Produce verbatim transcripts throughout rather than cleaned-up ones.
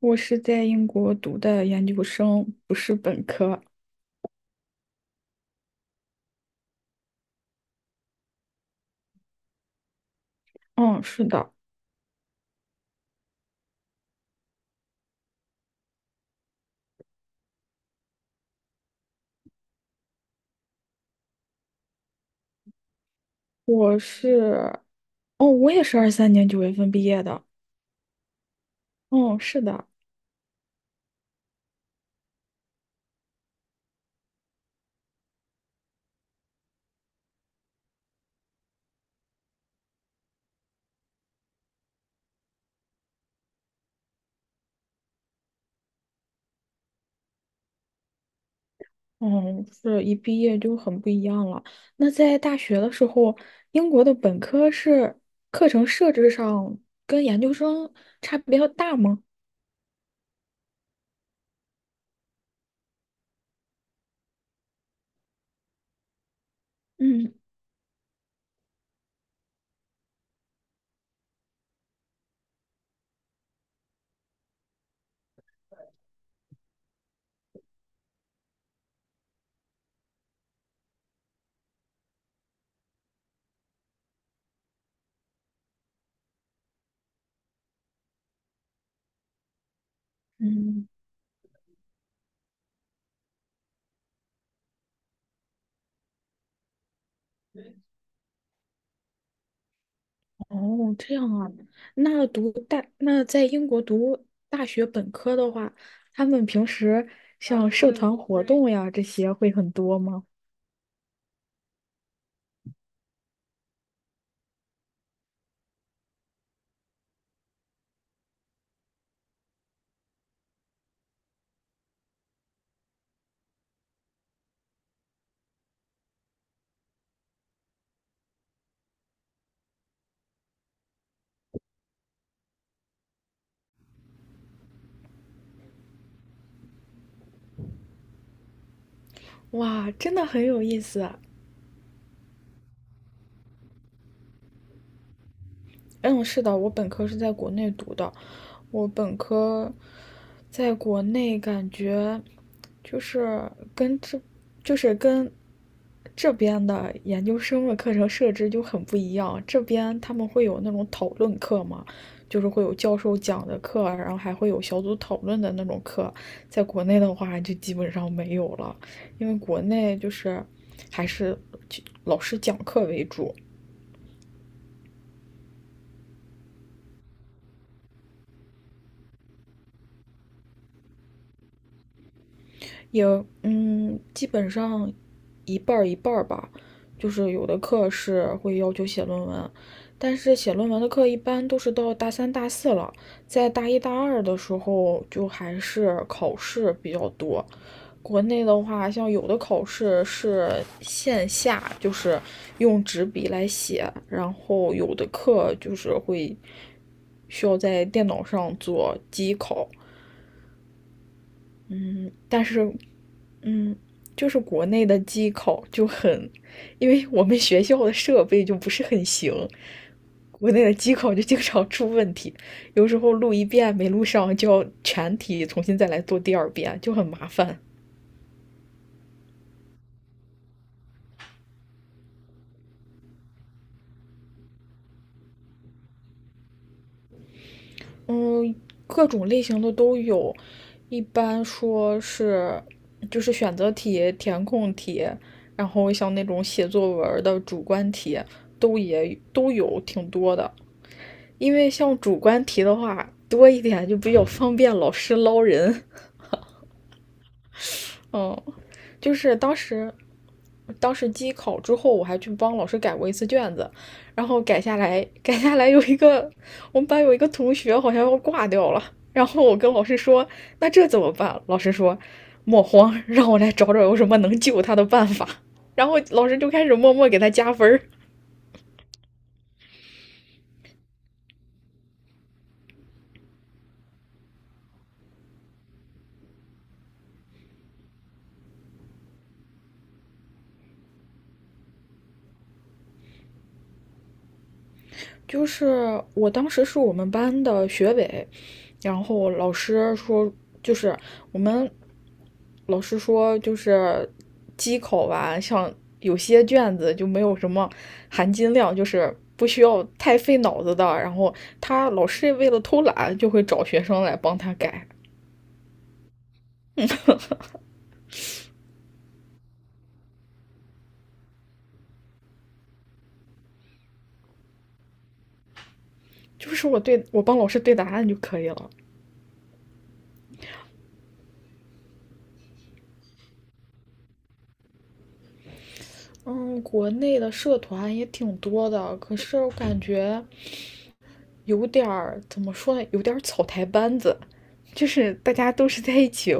我是在英国读的研究生，不是本科。嗯，是的，我是，哦，我也是二三年九月份毕业的。嗯，是的，嗯，是一毕业就很不一样了。那在大学的时候，英国的本科是课程设置上跟研究生差别要大吗？嗯嗯。哦，这样啊。那读大，那在英国读大学本科的话，他们平时像社团活动呀这些会很多吗？哇，真的很有意思。嗯，是的，我本科是在国内读的，我本科在国内感觉就是跟这，就是跟这边的研究生的课程设置就很不一样。这边他们会有那种讨论课嘛，就是会有教授讲的课啊，然后还会有小组讨论的那种课。在国内的话，就基本上没有了，因为国内就是还是老师讲课为主。也嗯，基本上一半儿一半儿吧，就是有的课是会要求写论文，但是写论文的课一般都是到大三、大四了，在大一大二的时候就还是考试比较多。国内的话，像有的考试是线下，就是用纸笔来写，然后有的课就是会需要在电脑上做机考。嗯，但是嗯，就是国内的机考就很，因为我们学校的设备就不是很行，国内的机考就经常出问题，有时候录一遍没录上，就要全题重新再来做第二遍，就很麻烦。嗯，各种类型的都有，一般说是就是选择题、填空题，然后像那种写作文的主观题都也都有挺多的。因为像主观题的话多一点就比较方便老师捞人。嗯，就是当时，当时机考之后，我还去帮老师改过一次卷子，然后改下来，改下来有一个我们班有一个同学好像要挂掉了，然后我跟老师说，那这怎么办？老师说，莫慌，让我来找找有什么能救他的办法。然后老师就开始默默给他加分儿。就是我当时是我们班的学委，然后老师说，就是我们老师说，就是机考吧，像有些卷子就没有什么含金量，就是不需要太费脑子的。然后他老师为了偷懒，就会找学生来帮他改，就是我对我帮老师对答案就可以了。嗯，国内的社团也挺多的，可是我感觉有点儿怎么说呢，有点草台班子，就是大家都是在一起，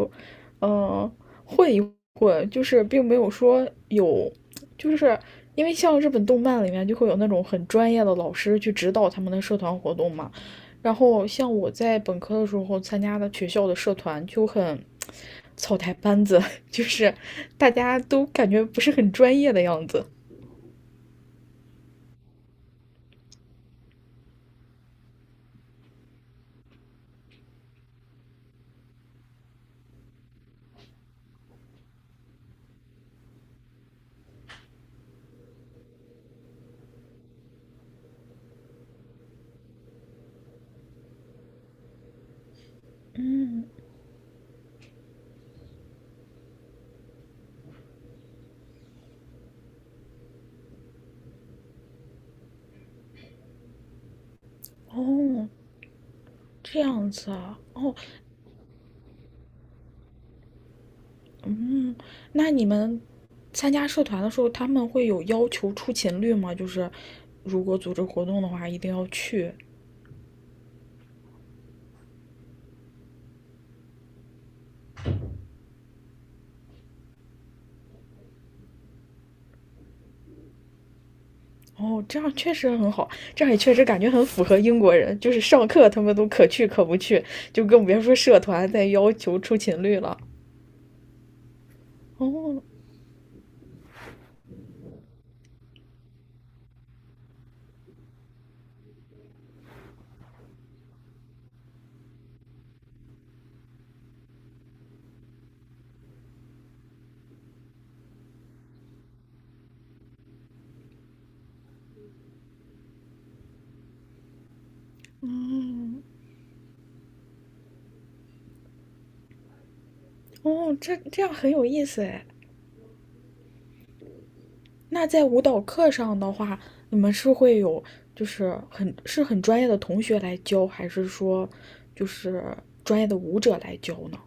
嗯，呃混一混，就是并没有说有，就是因为像日本动漫里面就会有那种很专业的老师去指导他们的社团活动嘛，然后像我在本科的时候参加的学校的社团就很草台班子，就是大家都感觉不是很专业的样子。嗯，哦，这样子啊，哦，嗯，那你们参加社团的时候，他们会有要求出勤率吗？就是如果组织活动的话，一定要去。哦，这样确实很好，这样也确实感觉很符合英国人，就是上课他们都可去可不去，就更别说社团再要求出勤率了。哦，嗯，哦，这这样很有意思哎。那在舞蹈课上的话，你们是会有就是很是很专业的同学来教，还是说就是专业的舞者来教呢？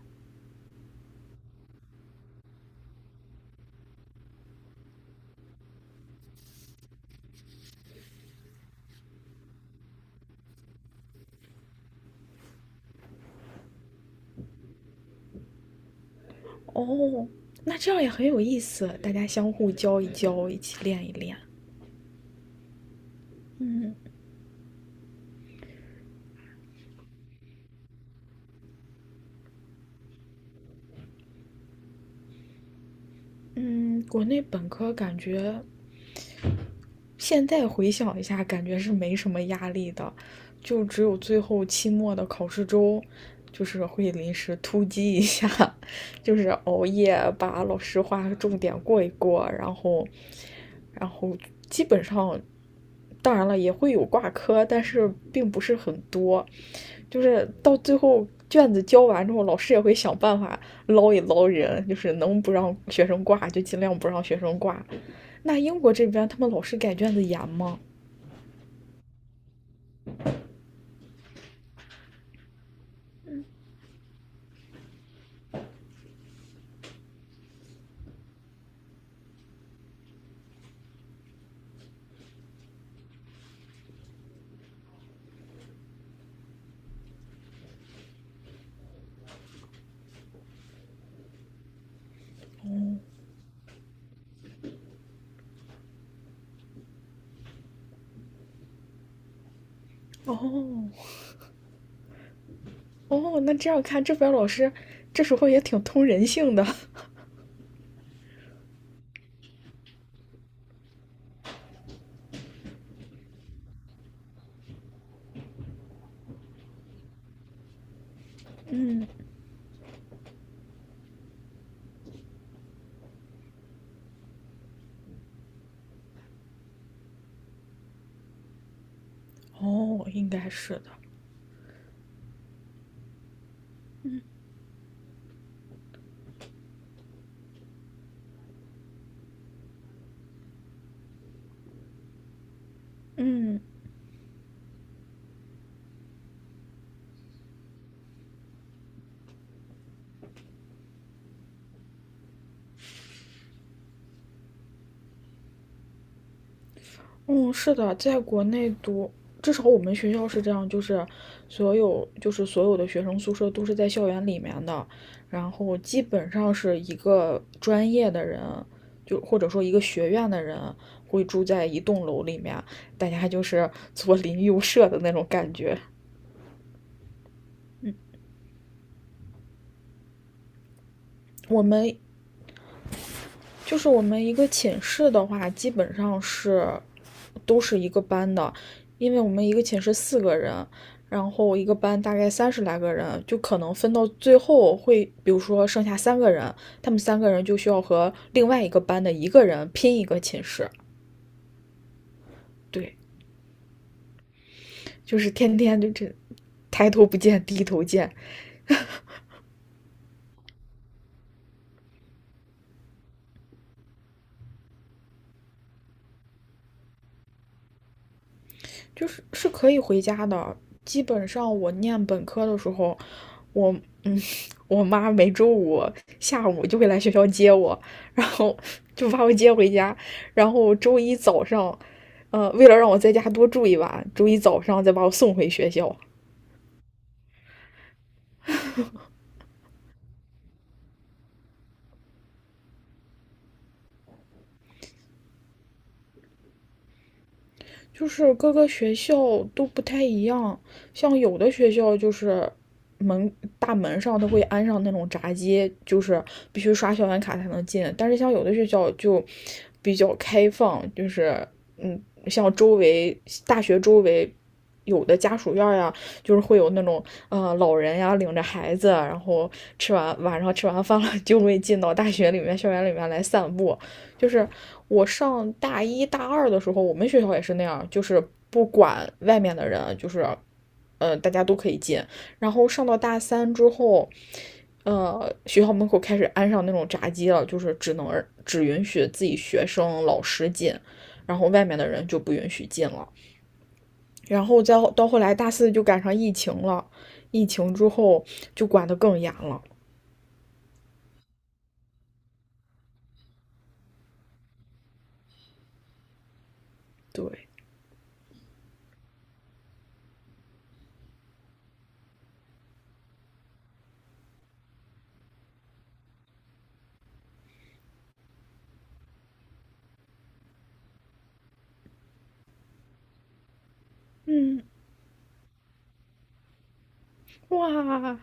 哦，那这样也很有意思，大家相互教一教，一起练一练。嗯嗯，国内本科感觉现在回想一下，感觉是没什么压力的，就只有最后期末的考试周，就是会临时突击一下，就是熬夜把老师画的重点过一过，然后，然后基本上，当然了也会有挂科，但是并不是很多，就是到最后卷子交完之后，老师也会想办法捞一捞人，就是能不让学生挂就尽量不让学生挂，那英国这边他们老师改卷子严吗？哦哦，那这样看，这边老师这时候也挺通人性的。哦，应该是的。嗯嗯，是的，在国内读，至少我们学校是这样，就是所有就是所有的学生宿舍都是在校园里面的，然后基本上是一个专业的人，就或者说一个学院的人会住在一栋楼里面，大家就是左邻右舍的那种感觉。嗯，我们就是我们一个寝室的话，基本上是都是一个班的，因为我们一个寝室四个人，然后一个班大概三十来个人，就可能分到最后会，比如说剩下三个人，他们三个人就需要和另外一个班的一个人拼一个寝室。对，就是天天就这抬头不见低头见，就是是可以回家的。基本上我念本科的时候，我嗯，我妈每周五下午就会来学校接我，然后就把我接回家，然后周一早上，呃，为了让我在家多住一晚，周一早上再把我送回学校。就是各个学校都不太一样，像有的学校就是门大门上都会安上那种闸机，就是必须刷校园卡才能进，但是像有的学校就比较开放，就是嗯，像周围大学周围。有的家属院呀，就是会有那种呃老人呀领着孩子，然后吃完晚上吃完饭了 就会进到大学里面校园里面来散步，就是我上大一大二的时候，我们学校也是那样，就是不管外面的人，就是，呃，大家都可以进。然后上到大三之后，呃，学校门口开始安上那种闸机了，就是只能只允许自己学生、老师进，然后外面的人就不允许进了。然后再到后来大四就赶上疫情了，疫情之后就管得更严了。对，嗯，哇，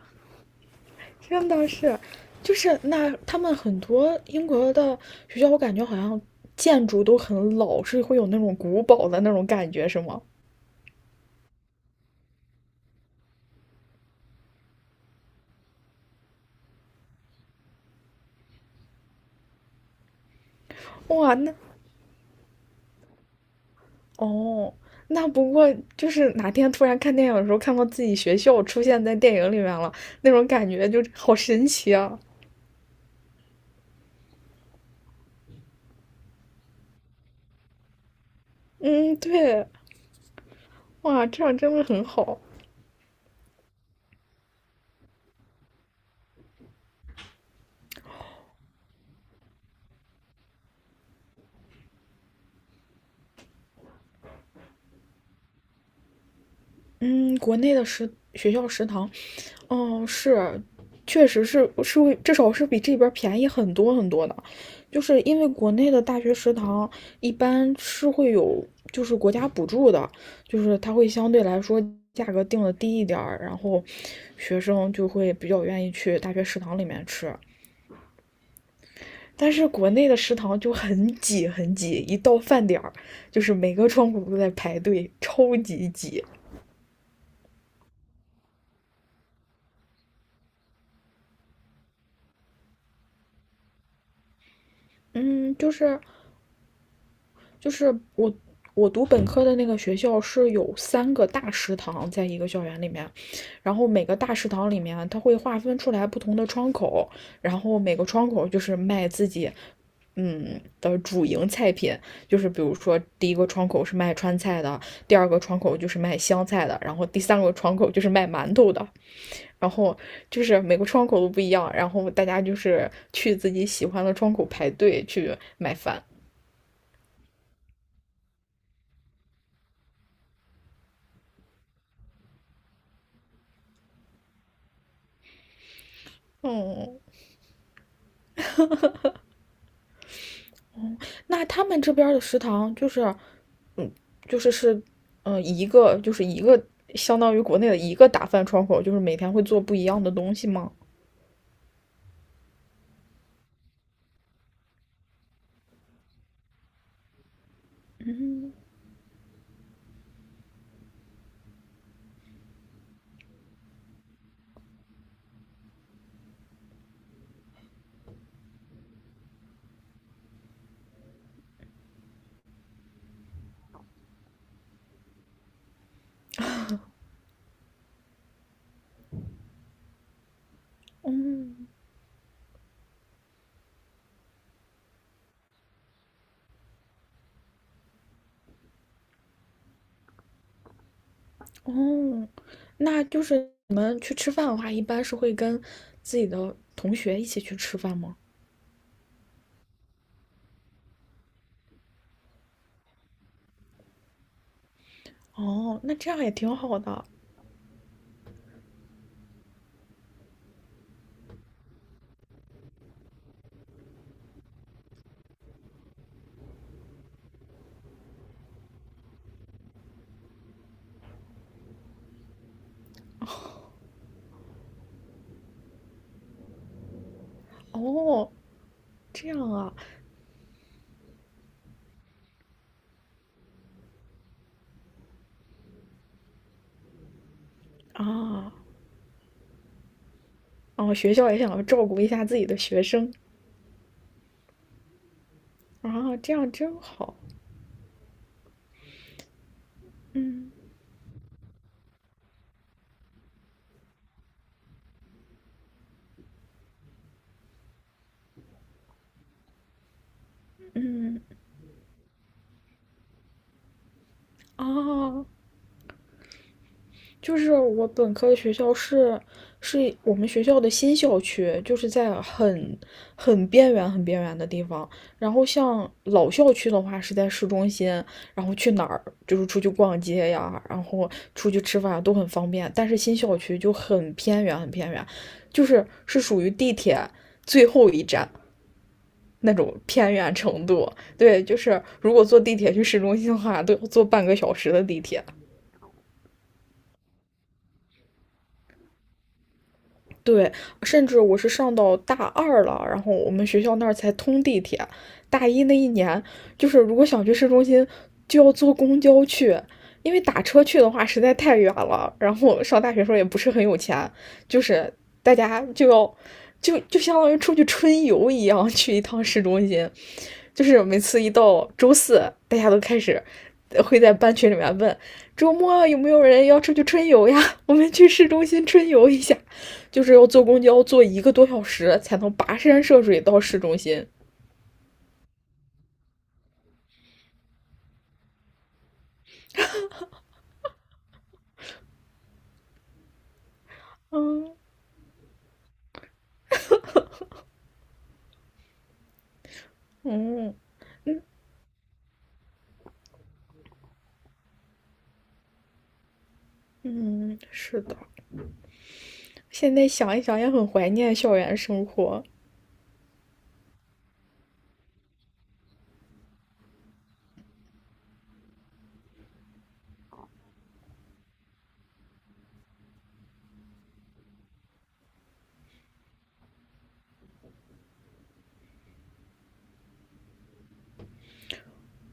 真的是，就是那他们很多英国的学校，我感觉好像建筑都很老，是会有那种古堡的那种感觉，是吗？哇，那哦，那不过就是哪天突然看电影的时候，看到自己学校出现在电影里面了，那种感觉就好神奇啊！嗯，对，哇，这样真的很好。嗯，国内的食学校食堂嗯，是，确实是是会，至少是比这边便宜很多很多的，就是因为国内的大学食堂一般是会有就是国家补助的，就是它会相对来说价格定的低一点儿，然后学生就会比较愿意去大学食堂里面吃。但是国内的食堂就很挤很挤，一到饭点儿，就是每个窗口都在排队，超级挤。嗯，就是就是我我读本科的那个学校是有三个大食堂在一个校园里面，然后每个大食堂里面它会划分出来不同的窗口，然后每个窗口就是卖自己。嗯的主营菜品，就是比如说第一个窗口是卖川菜的，第二个窗口就是卖湘菜的，然后第三个窗口就是卖馒头的，然后就是每个窗口都不一样，然后大家就是去自己喜欢的窗口排队去买饭。嗯，那他们这边的食堂就是就是是，呃，一个就是一个相当于国内的一个打饭窗口，就是每天会做不一样的东西吗？哦，那就是你们去吃饭的话，一般是会跟自己的同学一起去吃饭吗？哦，那这样也挺好的。哦，这样啊，啊，哦，学校也想要照顾一下自己的学生啊，这样真好。嗯嗯，啊。就是我本科学校是是我们学校的新校区，就是在很很边缘、很边缘的地方。然后像老校区的话是在市中心，然后去哪儿就是出去逛街呀，然后出去吃饭都很方便。但是新校区就很偏远、很偏远，就是是属于地铁最后一站。那种偏远程度，对，就是如果坐地铁去市中心的话，都要坐半个小时的地铁。对，甚至我是上到大二了，然后我们学校那儿才通地铁。大一那一年，就是如果想去市中心，就要坐公交去，因为打车去的话实在太远了。然后上大学时候也不是很有钱，就是大家就要就就相当于出去春游一样去一趟市中心。就是每次一到周四，大家都开始会在班群里面问：周末有没有人要出去春游呀？我们去市中心春游一下。就是要坐公交坐一个多小时才能跋山涉水到市中心。嗯嗯，是的，现在想一想也很怀念校园生活。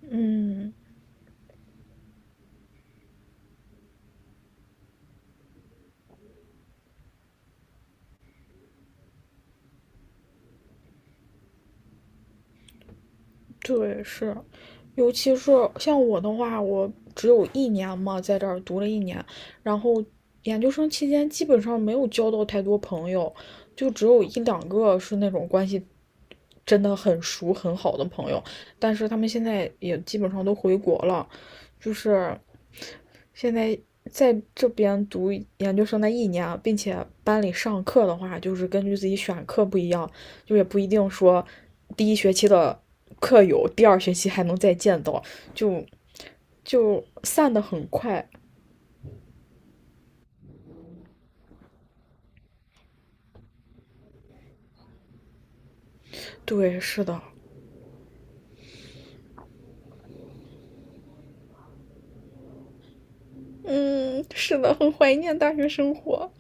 嗯，对，是，尤其是像我的话，我只有一年嘛，在这儿读了一年，然后研究生期间基本上没有交到太多朋友，就只有一两个是那种关系真的很熟很好的朋友，但是他们现在也基本上都回国了，就是现在在这边读研究生的一年，并且班里上课的话，就是根据自己选课不一样，就也不一定说第一学期的课友，第二学期还能再见到，就就散的很快。对，是的，嗯，是的，很怀念大学生活。